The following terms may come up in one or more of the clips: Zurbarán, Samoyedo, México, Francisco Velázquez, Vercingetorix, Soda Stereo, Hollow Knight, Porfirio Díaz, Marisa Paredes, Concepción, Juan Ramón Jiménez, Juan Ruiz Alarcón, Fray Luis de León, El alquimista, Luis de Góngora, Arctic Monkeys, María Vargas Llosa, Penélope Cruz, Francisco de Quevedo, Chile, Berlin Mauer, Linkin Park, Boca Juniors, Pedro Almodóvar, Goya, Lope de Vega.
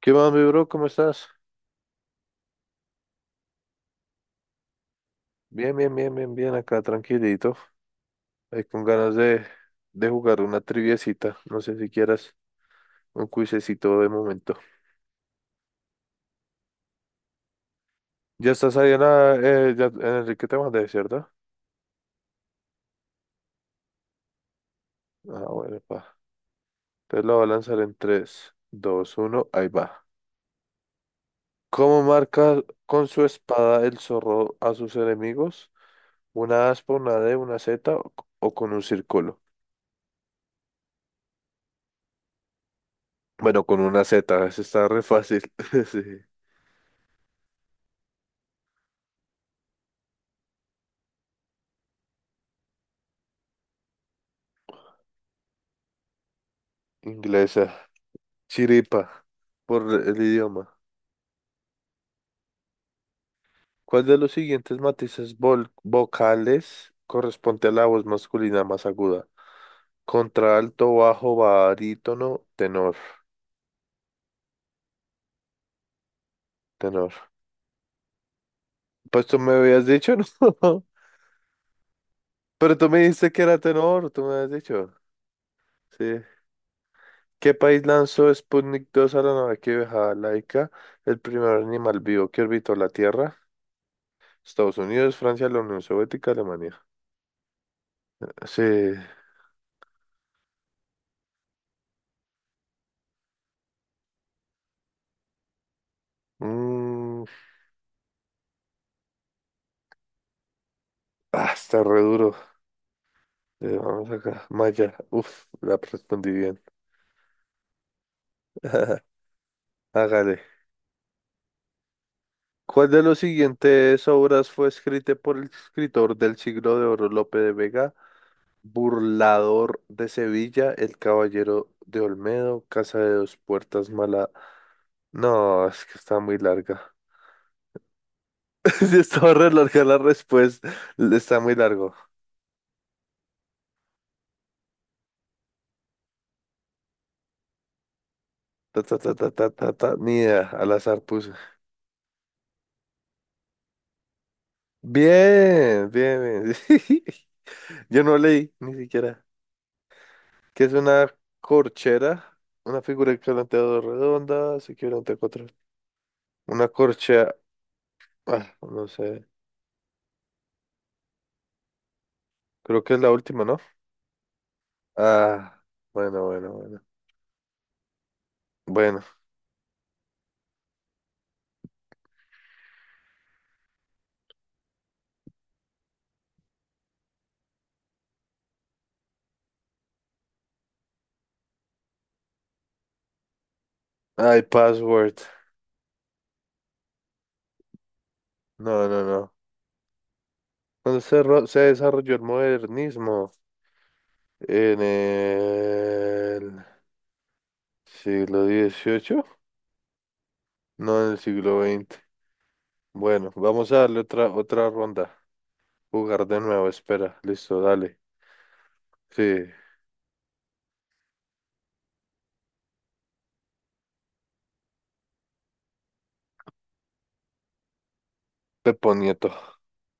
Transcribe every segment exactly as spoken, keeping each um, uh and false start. ¿Qué más, mi bro? ¿Cómo estás? Bien, bien, bien, bien, bien, acá tranquilito. Ahí con ganas de, de jugar una triviecita. No sé si quieras un cuisecito de momento. Ya estás ahí en la... Eh, ya, en Enrique te mandé, ¿cierto? Ah, bueno, pa. Entonces lo voy a lanzar en tres, dos, uno, ahí va. ¿Cómo marca con su espada el zorro a sus enemigos? ¿Una aspa, una D, una Z o, o con un círculo? Bueno, con una Z, ese está re fácil. Sí, inglesa. Chiripa, por el idioma. ¿Cuál de los siguientes matices vol- vocales corresponde a la voz masculina más aguda? Contralto, bajo, barítono, tenor. Tenor. Pues tú me habías dicho, ¿no? Pero tú me dijiste que era tenor, tú me habías dicho. Sí. ¿Qué país lanzó Sputnik dos a la nave que viajaba laica? El primer animal vivo que orbitó la Tierra. Estados Unidos, Francia, la Unión Soviética, Alemania. Sí. Mm, ah, está re duro. Eh, vamos acá. Maya. Uf, la respondí bien. Hágale. ¿Cuál de las siguientes obras fue escrita por el escritor del siglo de oro Lope de Vega? Burlador de Sevilla, El Caballero de Olmedo, Casa de dos Puertas, Mala. No, es que está muy larga. Sí, estaba re larga la respuesta. Está muy largo. Ta, ta, ta, ta, ta, ta, ta. Ni idea, al azar puse. Bien, bien, bien. Yo no leí, ni siquiera. Que es una corchera, una figura equivalente a dos redonda, se equivalente a cuatro. Una corchea, ah, no sé, creo que es la última, ¿no? Ah, bueno, bueno, bueno. Bueno, ay, password. No, no, no. Cuando se, ro- se desarrolló el modernismo en el siglo dieciocho, no en el siglo veinte. Bueno, vamos a darle otra, otra ronda. Jugar de nuevo, espera. Listo, dale. Sí, Pepo Nieto.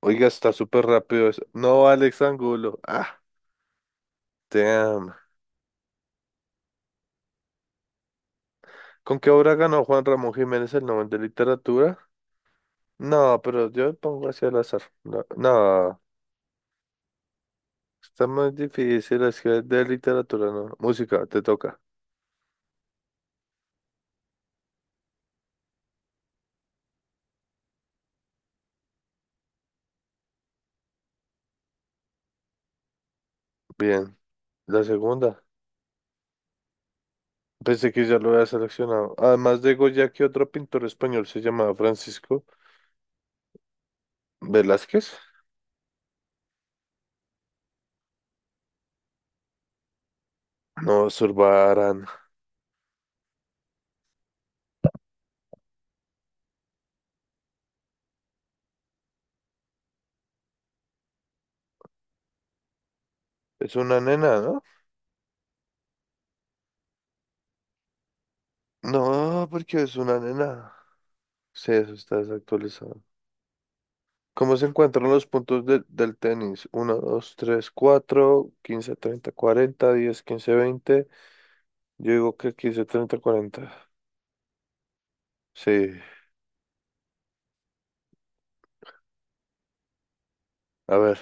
Oiga, está súper rápido eso. No, Alex Angulo. Ah, damn. ¿Con qué obra ganó Juan Ramón Jiménez el Nobel de Literatura? No, pero yo pongo así al azar. No, no, está muy difícil. Es que de literatura, no. Música, te toca. Bien. La segunda. Pensé que ya lo había seleccionado. Además de Goya, ¿qué otro pintor español se llamaba Francisco Velázquez? No, Zurbarán. Es una nena, ¿no? No, porque es una nena. Sí, eso está desactualizado. ¿Cómo se encuentran los puntos de- del tenis? Uno, dos, tres, cuatro, quince, treinta, cuarenta, diez, quince, veinte. Yo digo que quince, treinta, cuarenta. Sí, a ver.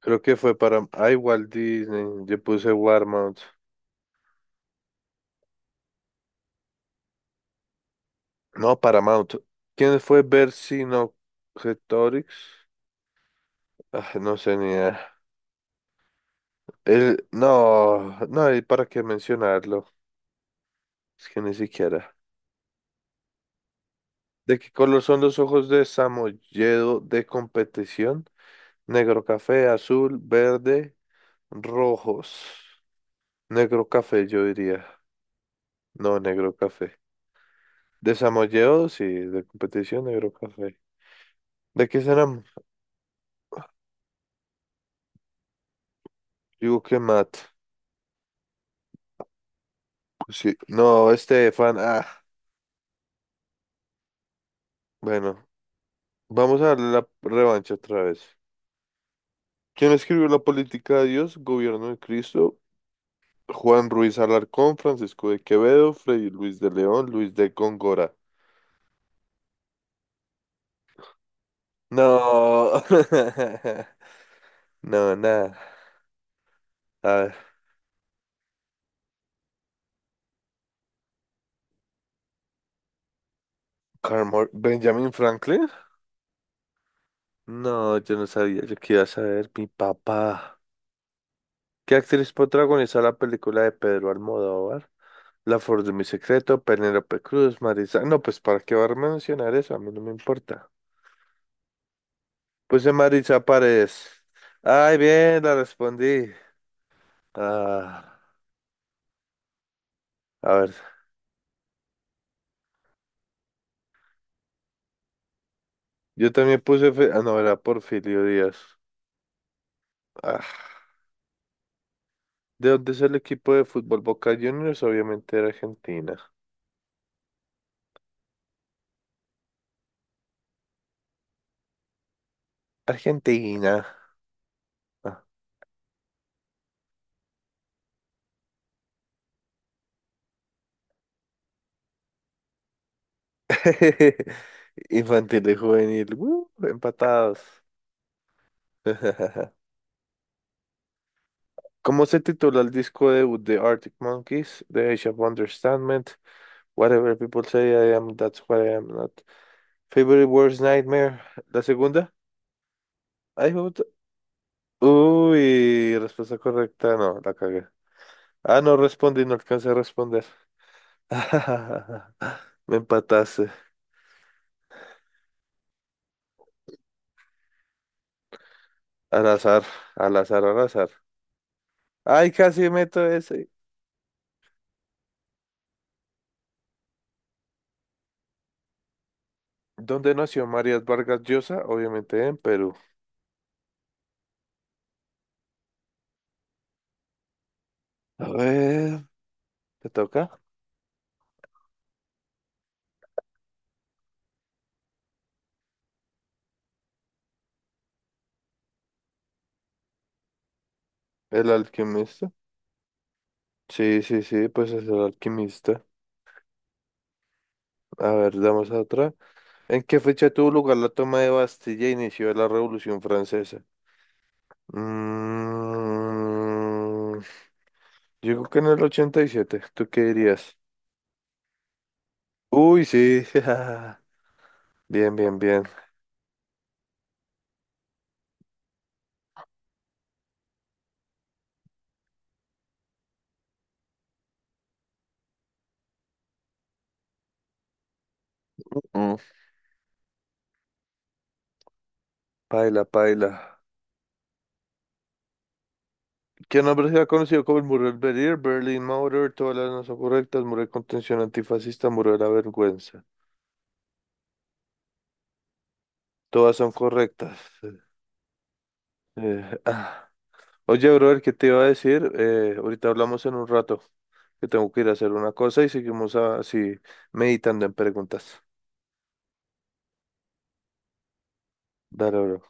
Creo que fue para... Ah, igual Disney. Yo puse Warmount. No, Paramount. ¿Quién fue Vercingetorix? Ah, no sé, ni idea. El... No, no hay para qué mencionarlo. Es que ni siquiera. ¿De qué color son los ojos de Samoyedo de competición? Negro café, azul, verde, rojos. Negro café, yo diría. No, negro café. De Samoyedos y de competición, negro café. ¿De qué serán? Digo que mat. Pues sí. No, Estefan. Ah, bueno. Vamos a darle la revancha otra vez. ¿Quién escribió La política de Dios? Gobierno de Cristo. Juan Ruiz Alarcón, Francisco de Quevedo, Fray Luis de León, Luis de Góngora. No. No, nada. A ver. Carmor- ¿Benjamin Franklin? No, yo no sabía, yo quería saber, mi papá. ¿Qué actriz protagonizó la película de Pedro Almodóvar? La Flor de mi secreto, Penélope Cruz, Marisa. No, pues para qué va a mencionar eso, a mí no me importa. Pues de Marisa Paredes. Ay, bien, la respondí. Ah, a ver, yo también puse, Fe- ah, no, era Porfirio Díaz. Ah, ¿de dónde es el equipo de fútbol Boca Juniors? Obviamente era Argentina. Argentina. Infantil y juvenil, uh, empatados. ¿Cómo se titula el disco debut de Arctic Monkeys, The Age of Understandment, Whatever People Say I Am, That's What I Am Not, Favorite Worst Nightmare? ¿La segunda? Ay, me gusta. Uy, respuesta correcta, no, la cagué. Ah, no respondí, no alcancé a responder. Me empataste. Al azar, al azar, al azar. Ay, casi meto eso. ¿Dónde nació María Vargas Llosa? Obviamente en Perú. A ver, ¿te toca? El alquimista. Sí, sí, sí, pues es el alquimista. A ver, damos a otra. ¿En qué fecha tuvo lugar la toma de Bastilla e inició la Revolución Francesa? Mm, yo creo que en el ochenta y siete. ¿Tú qué dirías? Uy, sí. Bien, bien, bien. Mm, Paila, paila. ¿Qué nombre se ha conocido como el muro del Berlín? Berlin Mauer, todas las no son correctas. Muro de contención antifascista, muro de la vergüenza. Todas son correctas. Eh, eh, ah. Oye, brother, ¿qué te iba a decir? Eh, ahorita hablamos en un rato, que tengo que ir a hacer una cosa y seguimos así meditando en preguntas. Dale, bro.